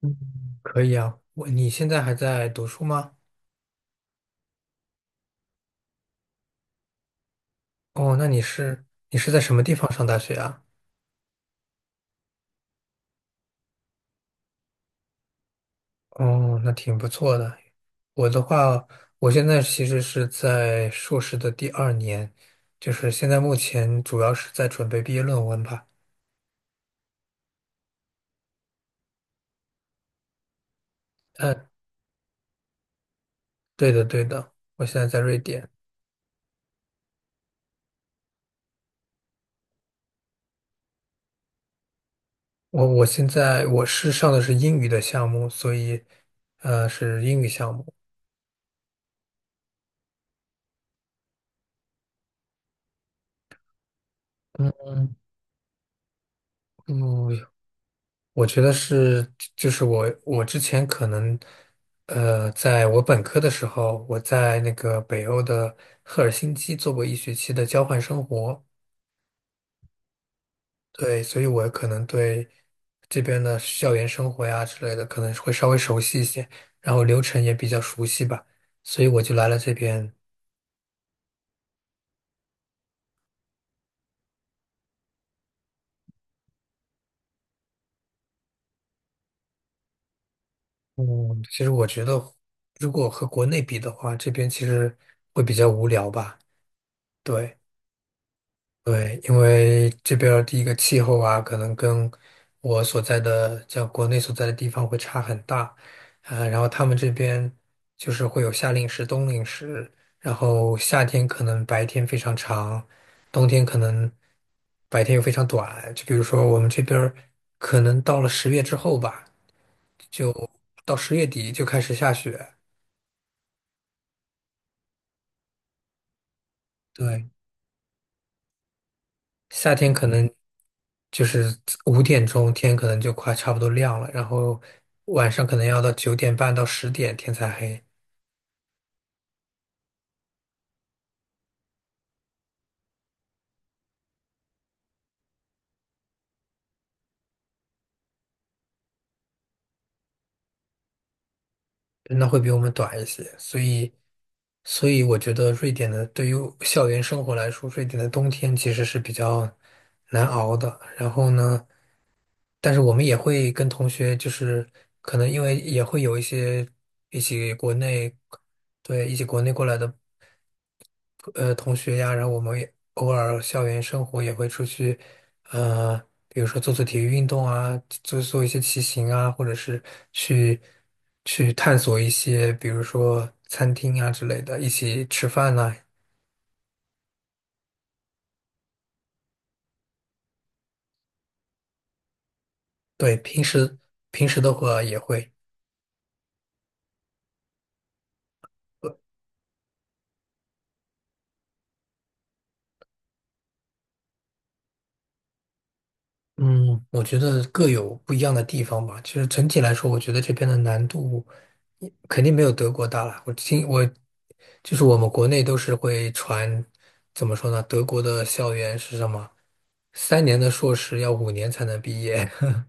嗯，可以啊。你现在还在读书吗？哦，那你是在什么地方上大学啊？哦，那挺不错的。我的话，我现在其实是在硕士的第二年，就是现在目前主要是在准备毕业论文吧。嗯，对的，对的，我现在在瑞典。我现在我是上的是英语的项目，所以是英语项目。嗯嗯，嗯我觉得是，就是我之前可能，在我本科的时候，我在那个北欧的赫尔辛基做过1学期的交换生活，对，所以我可能对这边的校园生活呀之类的可能会稍微熟悉一些，然后流程也比较熟悉吧，所以我就来了这边。嗯，其实我觉得，如果和国内比的话，这边其实会比较无聊吧，对。对，因为这边儿第一个气候啊，可能跟我所在的像国内所在的地方会差很大，然后他们这边就是会有夏令时、冬令时，然后夏天可能白天非常长，冬天可能白天又非常短。就比如说我们这边儿可能到了十月之后吧，就到10月底就开始下雪。对。夏天可能就是5点钟天可能就快差不多亮了，然后晚上可能要到9点半到10点天才黑，那会比我们短一些。所以我觉得瑞典的对于校园生活来说，瑞典的冬天其实是比较难熬的。然后呢，但是我们也会跟同学，就是可能因为也会有一些一起国内，对，一起国内过来的。同学呀，然后我们也偶尔校园生活也会出去，呃，比如说做做体育运动啊，做做一些骑行啊，或者是去去探索一些，比如说餐厅啊之类的，一起吃饭呐、对，平时的话也会。嗯，我觉得各有不一样的地方吧。其实整体来说，我觉得这边的难度肯定没有德国大了。我就是我们国内都是会传，怎么说呢？德国的校园是什么？3年的硕士要5年才能毕业。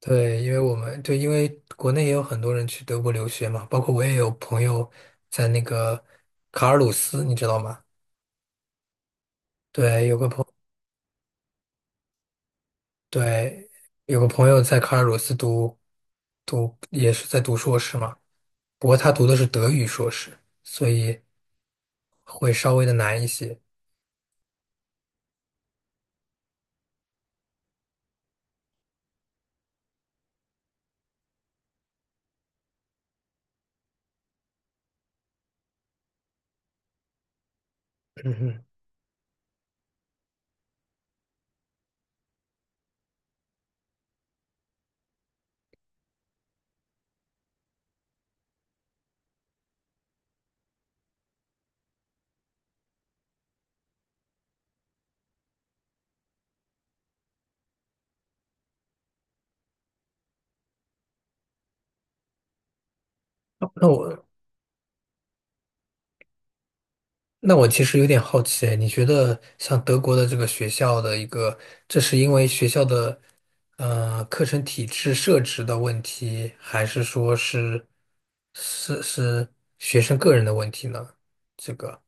对，因为我们对，因为国内也有很多人去德国留学嘛，包括我也有朋友在那个卡尔鲁斯，你知道吗？对，有个朋。对，有个朋友在卡尔鲁斯读，也是在读硕士嘛，不过他读的是德语硕士，所以会稍微的难一些。嗯哼，那我那我其实有点好奇，你觉得像德国的这个学校的一个，这是因为学校的课程体制设置的问题，还是说是学生个人的问题呢？这个。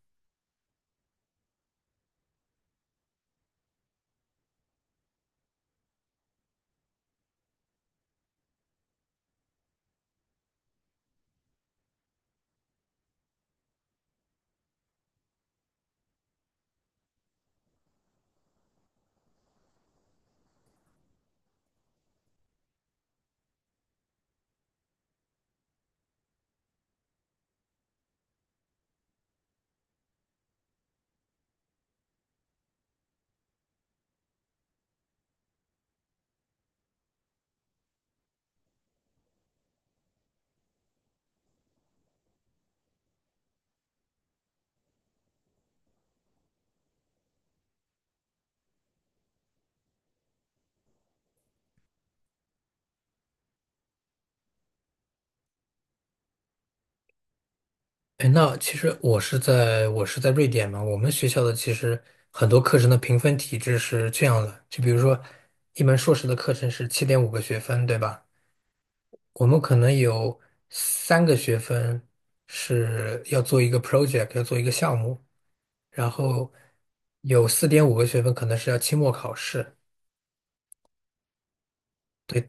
哎，那其实我是在瑞典嘛，我们学校的其实很多课程的评分体制是这样的，就比如说一门硕士的课程是7.5个学分，对吧？我们可能有3个学分是要做一个 project，要做一个项目，然后有4.5个学分可能是要期末考试。对。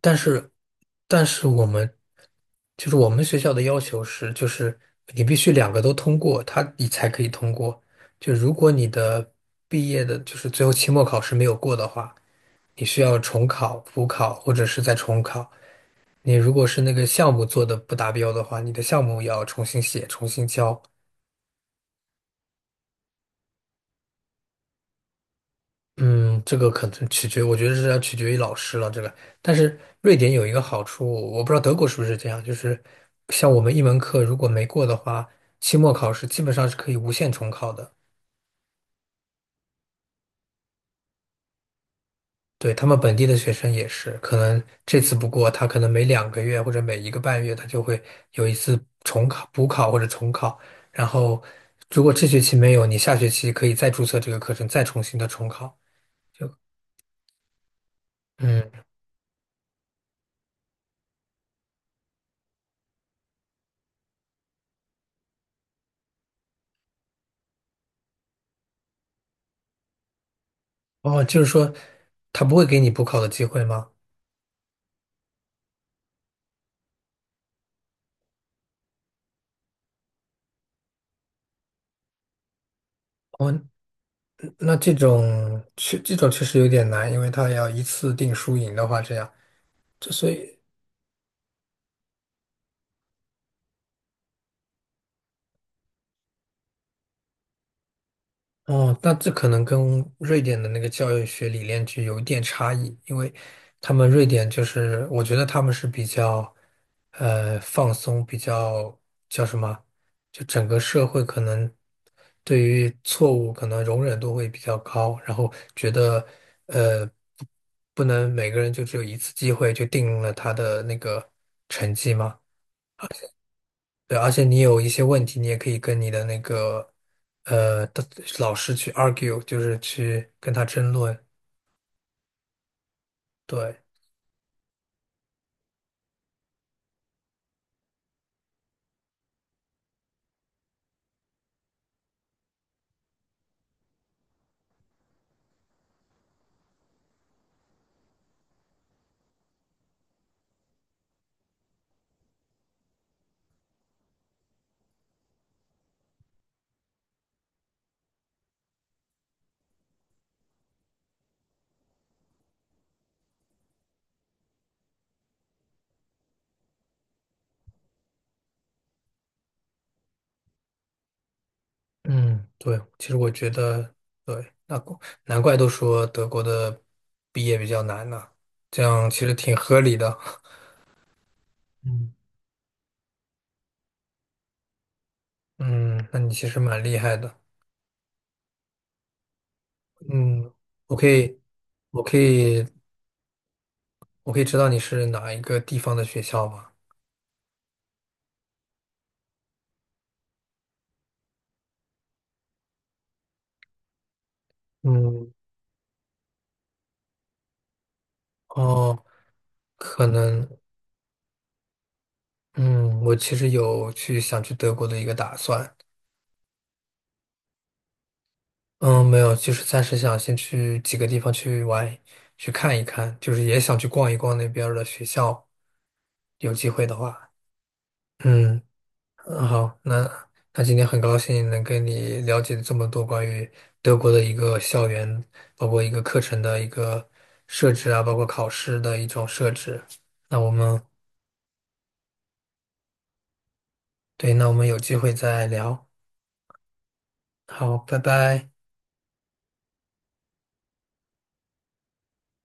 但是，但是就是我们学校的要求是，就是你必须两个都通过，他你才可以通过。就如果你的毕业的，就是最后期末考试没有过的话，你需要重考、补考或者是再重考。你如果是那个项目做的不达标的话，你的项目要重新写、重新交。嗯，这个可能我觉得是要取决于老师了。这个，但是瑞典有一个好处，我不知道德国是不是这样，就是像我们一门课如果没过的话，期末考试基本上是可以无限重考的。对，他们本地的学生也是，可能这次不过，他可能每2个月或者每1个半月，他就会有一次重考、补考或者重考。然后，如果这学期没有，你下学期可以再注册这个课程，再重新的重考。就嗯，哦，就是说，他不会给你补考的机会吗？哦，那这种确实有点难，因为他要一次定输赢的话，这样，所以哦，那这可能跟瑞典的那个教育学理念就有一点差异，因为他们瑞典就是，我觉得他们是比较，放松，比较叫什么，就整个社会可能对于错误可能容忍度会比较高，然后觉得，呃，不不能每个人就只有一次机会就定了他的那个成绩吗？对，而且你有一些问题，你也可以跟你的那个的老师去 argue，就是去跟他争论。对，嗯，对，其实我觉得，对，那难怪都说德国的毕业比较难呢，这样其实挺合理的。嗯 嗯，那你其实蛮厉害的。嗯，我可以，我可以，我可以知道你是哪一个地方的学校吗？嗯，哦，可能。嗯，我其实有去想去德国的一个打算，嗯，没有，就是暂时想先去几个地方去玩，去看一看，就是也想去逛一逛那边儿的学校，有机会的话，嗯，嗯好，那今天很高兴能跟你了解这么多关于德国的一个校园，包括一个课程的一个设置啊，包括考试的一种设置。那我们，对，那我们有机会再聊。好，拜拜。